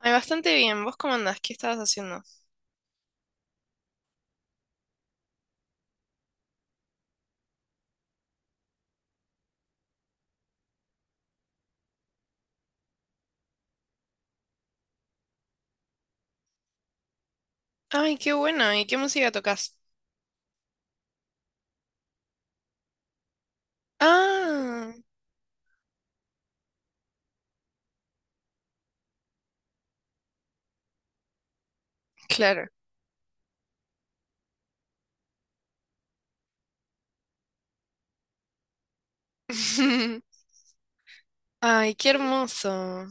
Ay, bastante bien. ¿Vos cómo andás? ¿Qué estabas haciendo? Ay, qué bueno. ¿Y qué música tocas? Ah, claro. Ay, qué hermoso.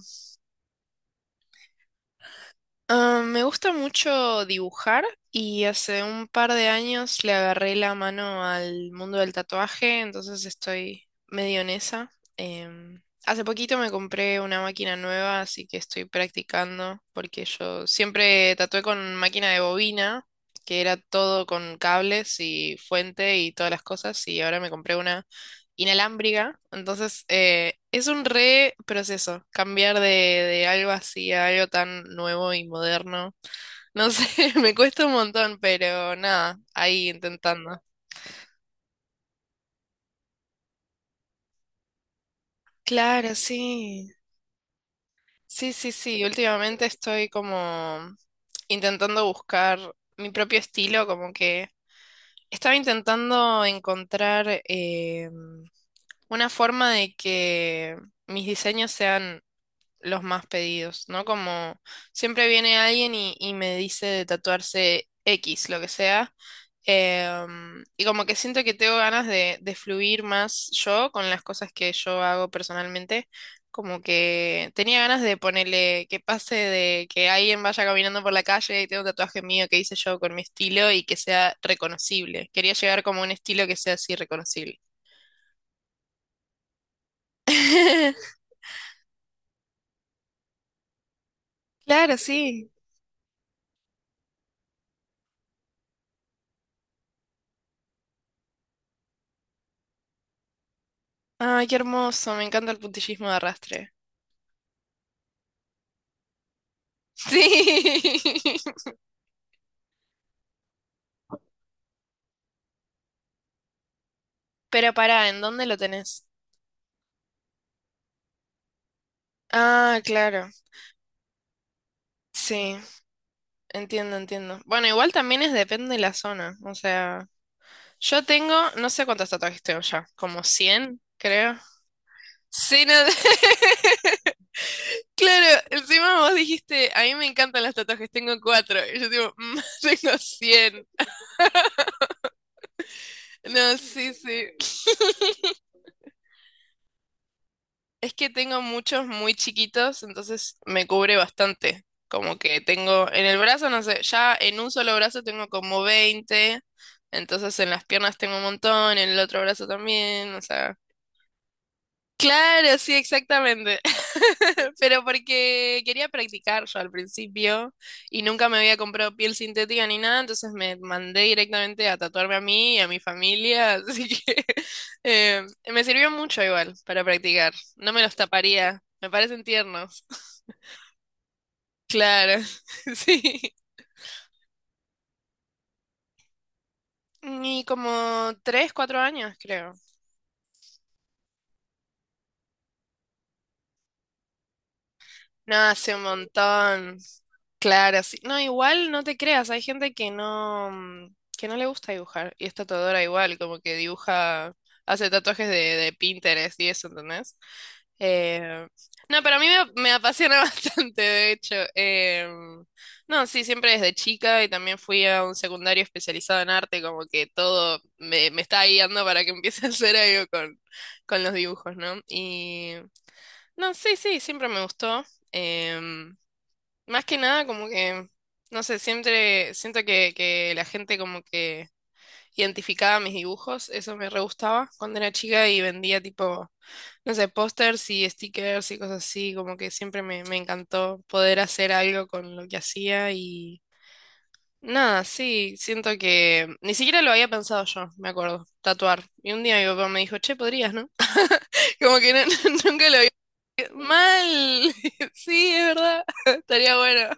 Ah, me gusta mucho dibujar y hace un par de años le agarré la mano al mundo del tatuaje, entonces estoy medio en esa. Hace poquito me compré una máquina nueva, así que estoy practicando porque yo siempre tatué con máquina de bobina, que era todo con cables y fuente y todas las cosas, y ahora me compré una inalámbrica, entonces es un re proceso cambiar de algo así a algo tan nuevo y moderno. No sé, me cuesta un montón, pero nada, ahí intentando. Claro, sí. Sí, sí, sí. Últimamente estoy como intentando buscar mi propio estilo, como que estaba intentando encontrar una forma de que mis diseños sean los más pedidos, ¿no? Como siempre viene alguien y me dice de tatuarse X, lo que sea. Y como que siento que tengo ganas de fluir más yo con las cosas que yo hago personalmente. Como que tenía ganas de ponerle que pase de que alguien vaya caminando por la calle y tenga un tatuaje mío que hice yo con mi estilo y que sea reconocible. Quería llegar como a un estilo que sea así reconocible. Claro, sí. Ay, qué hermoso. Me encanta el puntillismo de arrastre. Sí. Pero pará, ¿en dónde lo tenés? Ah, claro. Sí, entiendo, entiendo. Bueno, igual también es depende de la zona. O sea, yo tengo, no sé cuántos tatuajes tengo ya, como 100, creo. Sí, no, claro, encima vos dijiste, a mí me encantan los tatuajes, tengo cuatro. Y yo digo, "Mm, tengo 100". No, sí, sí. Es que tengo muchos muy chiquitos, entonces me cubre bastante. Como que tengo en el brazo, no sé, ya en un solo brazo tengo como 20, entonces en las piernas tengo un montón, en el otro brazo también, o sea. Claro, sí, exactamente. Pero porque quería practicar yo al principio y nunca me había comprado piel sintética ni nada, entonces me mandé directamente a tatuarme a mí y a mi familia, así que me sirvió mucho igual para practicar. No me los taparía, me parecen tiernos. Claro, sí. Y como 3, 4 años, creo. No, hace un montón. Claro, sí. No, igual no te creas, hay gente que no, que no le gusta dibujar y es tatuadora igual, como que dibuja, hace tatuajes de Pinterest y eso, ¿entendés? Eh, no, pero a mí me apasiona bastante, de hecho. No, sí, siempre desde chica y también fui a un secundario especializado en arte, como que todo me está guiando para que empiece a hacer algo con los dibujos, ¿no? Y no, sí, sí, siempre me gustó. em, Más que nada, como que, no sé, siempre siento que la gente como que identificaba mis dibujos, eso me re gustaba cuando era chica y vendía tipo, no sé, pósters y stickers y cosas así, como que siempre me encantó poder hacer algo con lo que hacía y nada, sí, siento que ni siquiera lo había pensado yo, me acuerdo, tatuar. Y un día mi papá me dijo, che, podrías, ¿no? Como que no- nunca lo había... Mal, sí, es verdad, estaría bueno.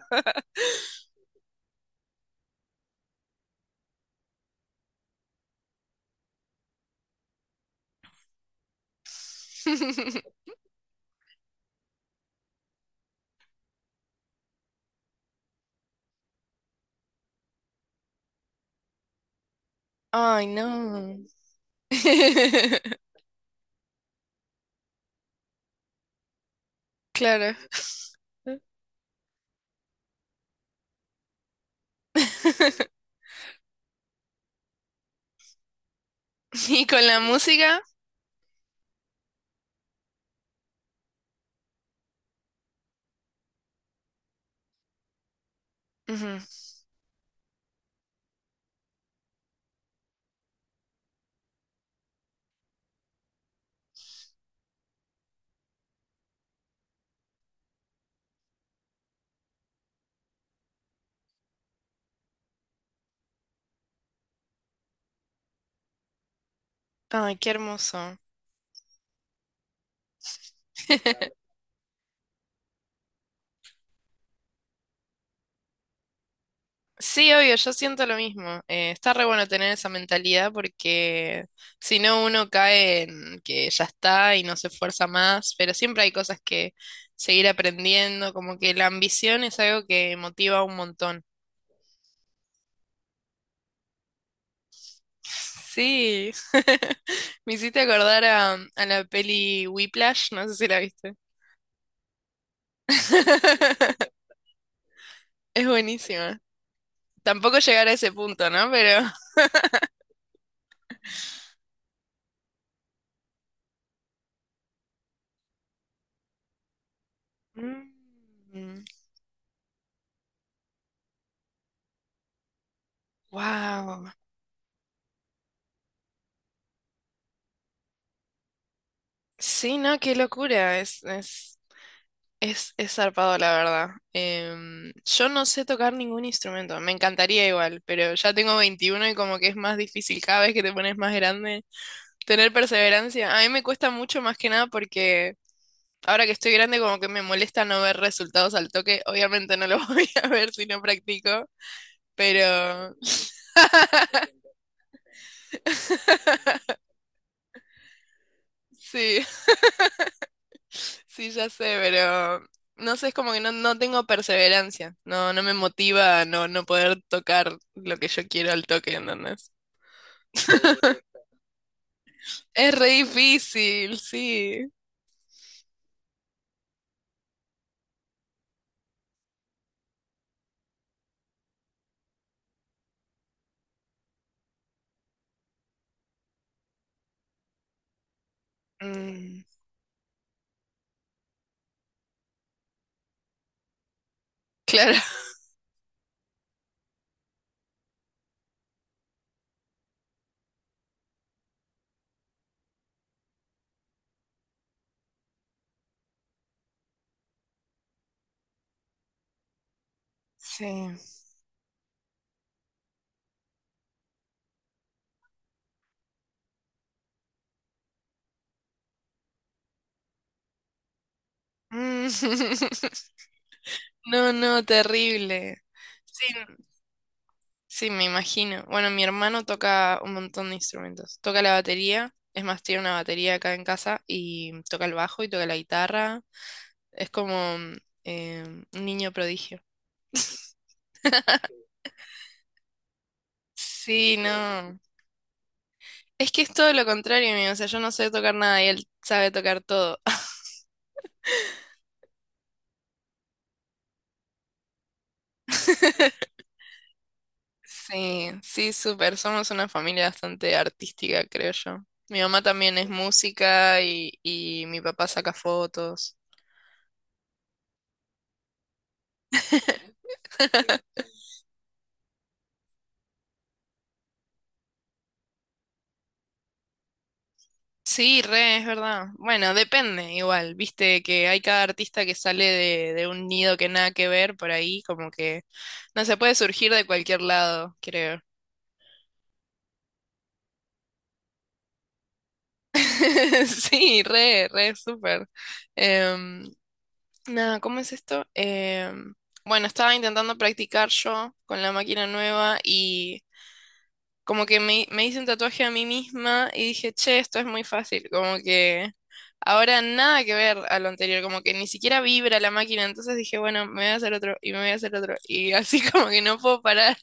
Ay, no. Claro. Y con la música. Ujú. Ay, qué hermoso. Sí, obvio, yo siento lo mismo. Está re bueno tener esa mentalidad porque si no uno cae en que ya está y no se esfuerza más, pero siempre hay cosas que seguir aprendiendo, como que la ambición es algo que motiva un montón. Sí, me hiciste acordar a la peli Whiplash, no sé si la viste. Es buenísima. Tampoco llegar a ese punto, ¿no? Pero... Mm, wow. Sí, no, qué locura. Es zarpado, la verdad. Yo no sé tocar ningún instrumento. Me encantaría igual, pero ya tengo 21 y como que es más difícil cada vez que te pones más grande. Tener perseverancia. A mí me cuesta mucho más que nada porque... Ahora que estoy grande, como que me molesta no ver resultados al toque. Obviamente no los voy a ver si no practico, pero sí, sí, ya sé, pero no sé, es como que no, no tengo perseverancia. No, no me motiva a no, no poder tocar lo que yo quiero al toque, ¿entendés? Es re difícil, sí. Mm, claro. Sí. Mm, no, no, terrible. Sí, sí, me imagino. Bueno, mi hermano toca un montón de instrumentos. Toca la batería, es más, tiene una batería acá en casa y toca el bajo y toca la guitarra. Es como eh, un niño prodigio. Sí, no. Es que es todo lo contrario mío, o sea, yo no sé tocar nada y él sabe tocar todo. Sí, sí, súper. Somos una familia bastante artística, creo yo. Mi mamá también es música y mi papá saca fotos. Sí, re, es verdad. Bueno, depende igual, viste que hay cada artista que sale de un nido que nada que ver por ahí, como que no se puede surgir de cualquier lado, creo. Sí, re, re, súper. Em, Nada, ¿cómo es esto? Bueno, estaba intentando practicar yo con la máquina nueva y como que me hice un tatuaje a mí misma y dije, che, esto es muy fácil. Como que ahora nada que ver a lo anterior, como que ni siquiera vibra la máquina. Entonces dije, bueno, me voy a hacer otro y me voy a hacer otro. Y así como que no puedo parar.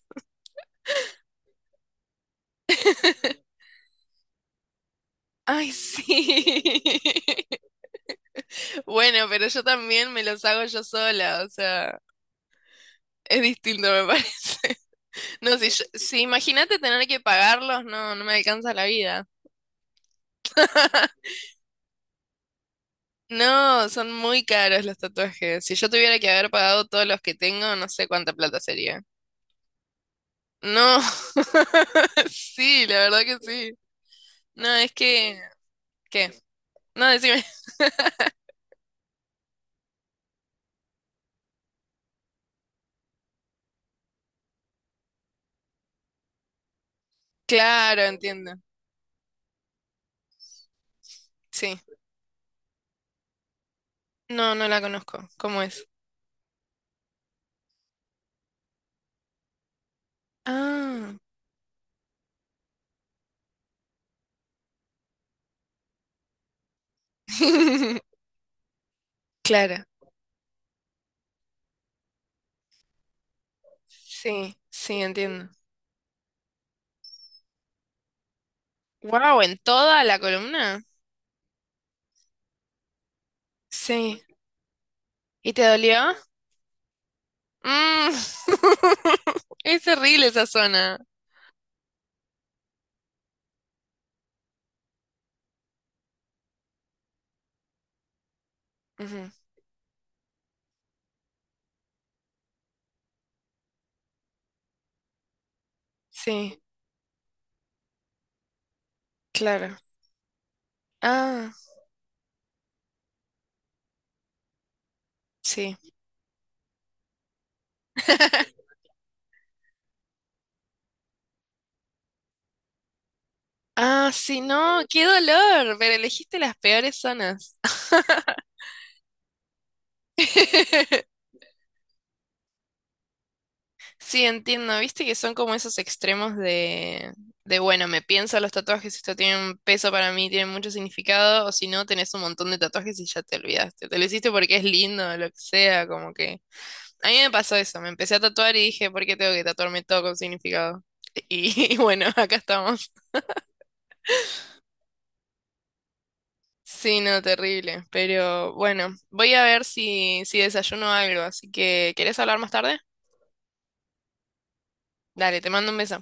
Ay, sí. Bueno, pero yo también me los hago yo sola, o sea, es distinto, me parece. No, si, yo- si imagínate tener que pagarlos, no, no me alcanza la vida. No, son muy caros los tatuajes. Si yo tuviera que haber pagado todos los que tengo, no sé cuánta plata sería. No, sí, la verdad que sí. No, es que... ¿Qué? No, decime. Claro, entiendo. Sí. No, no la conozco. ¿Cómo es? Ah, claro. Sí, sí, entiendo. Wow, ¿en toda la columna? Sí. ¿Y te dolió? Mm. Es terrible esa zona. Ujú. Sí, claro. Ah, sí. Ah, sí, no, qué dolor, pero elegiste las peores zonas. Sí, entiendo, viste que son como esos extremos de bueno, me pienso los tatuajes, esto tiene un peso para mí, tiene mucho significado, o si no, tenés un montón de tatuajes y ya te olvidaste. Te lo hiciste porque es lindo, lo que sea, como que... A mí me pasó eso, me empecé a tatuar y dije, ¿por qué tengo que tatuarme todo con significado? Y bueno, acá estamos. Sí, no, terrible. Pero bueno, voy a ver si desayuno algo. Así que, ¿querés hablar más tarde? Dale, te mando un beso.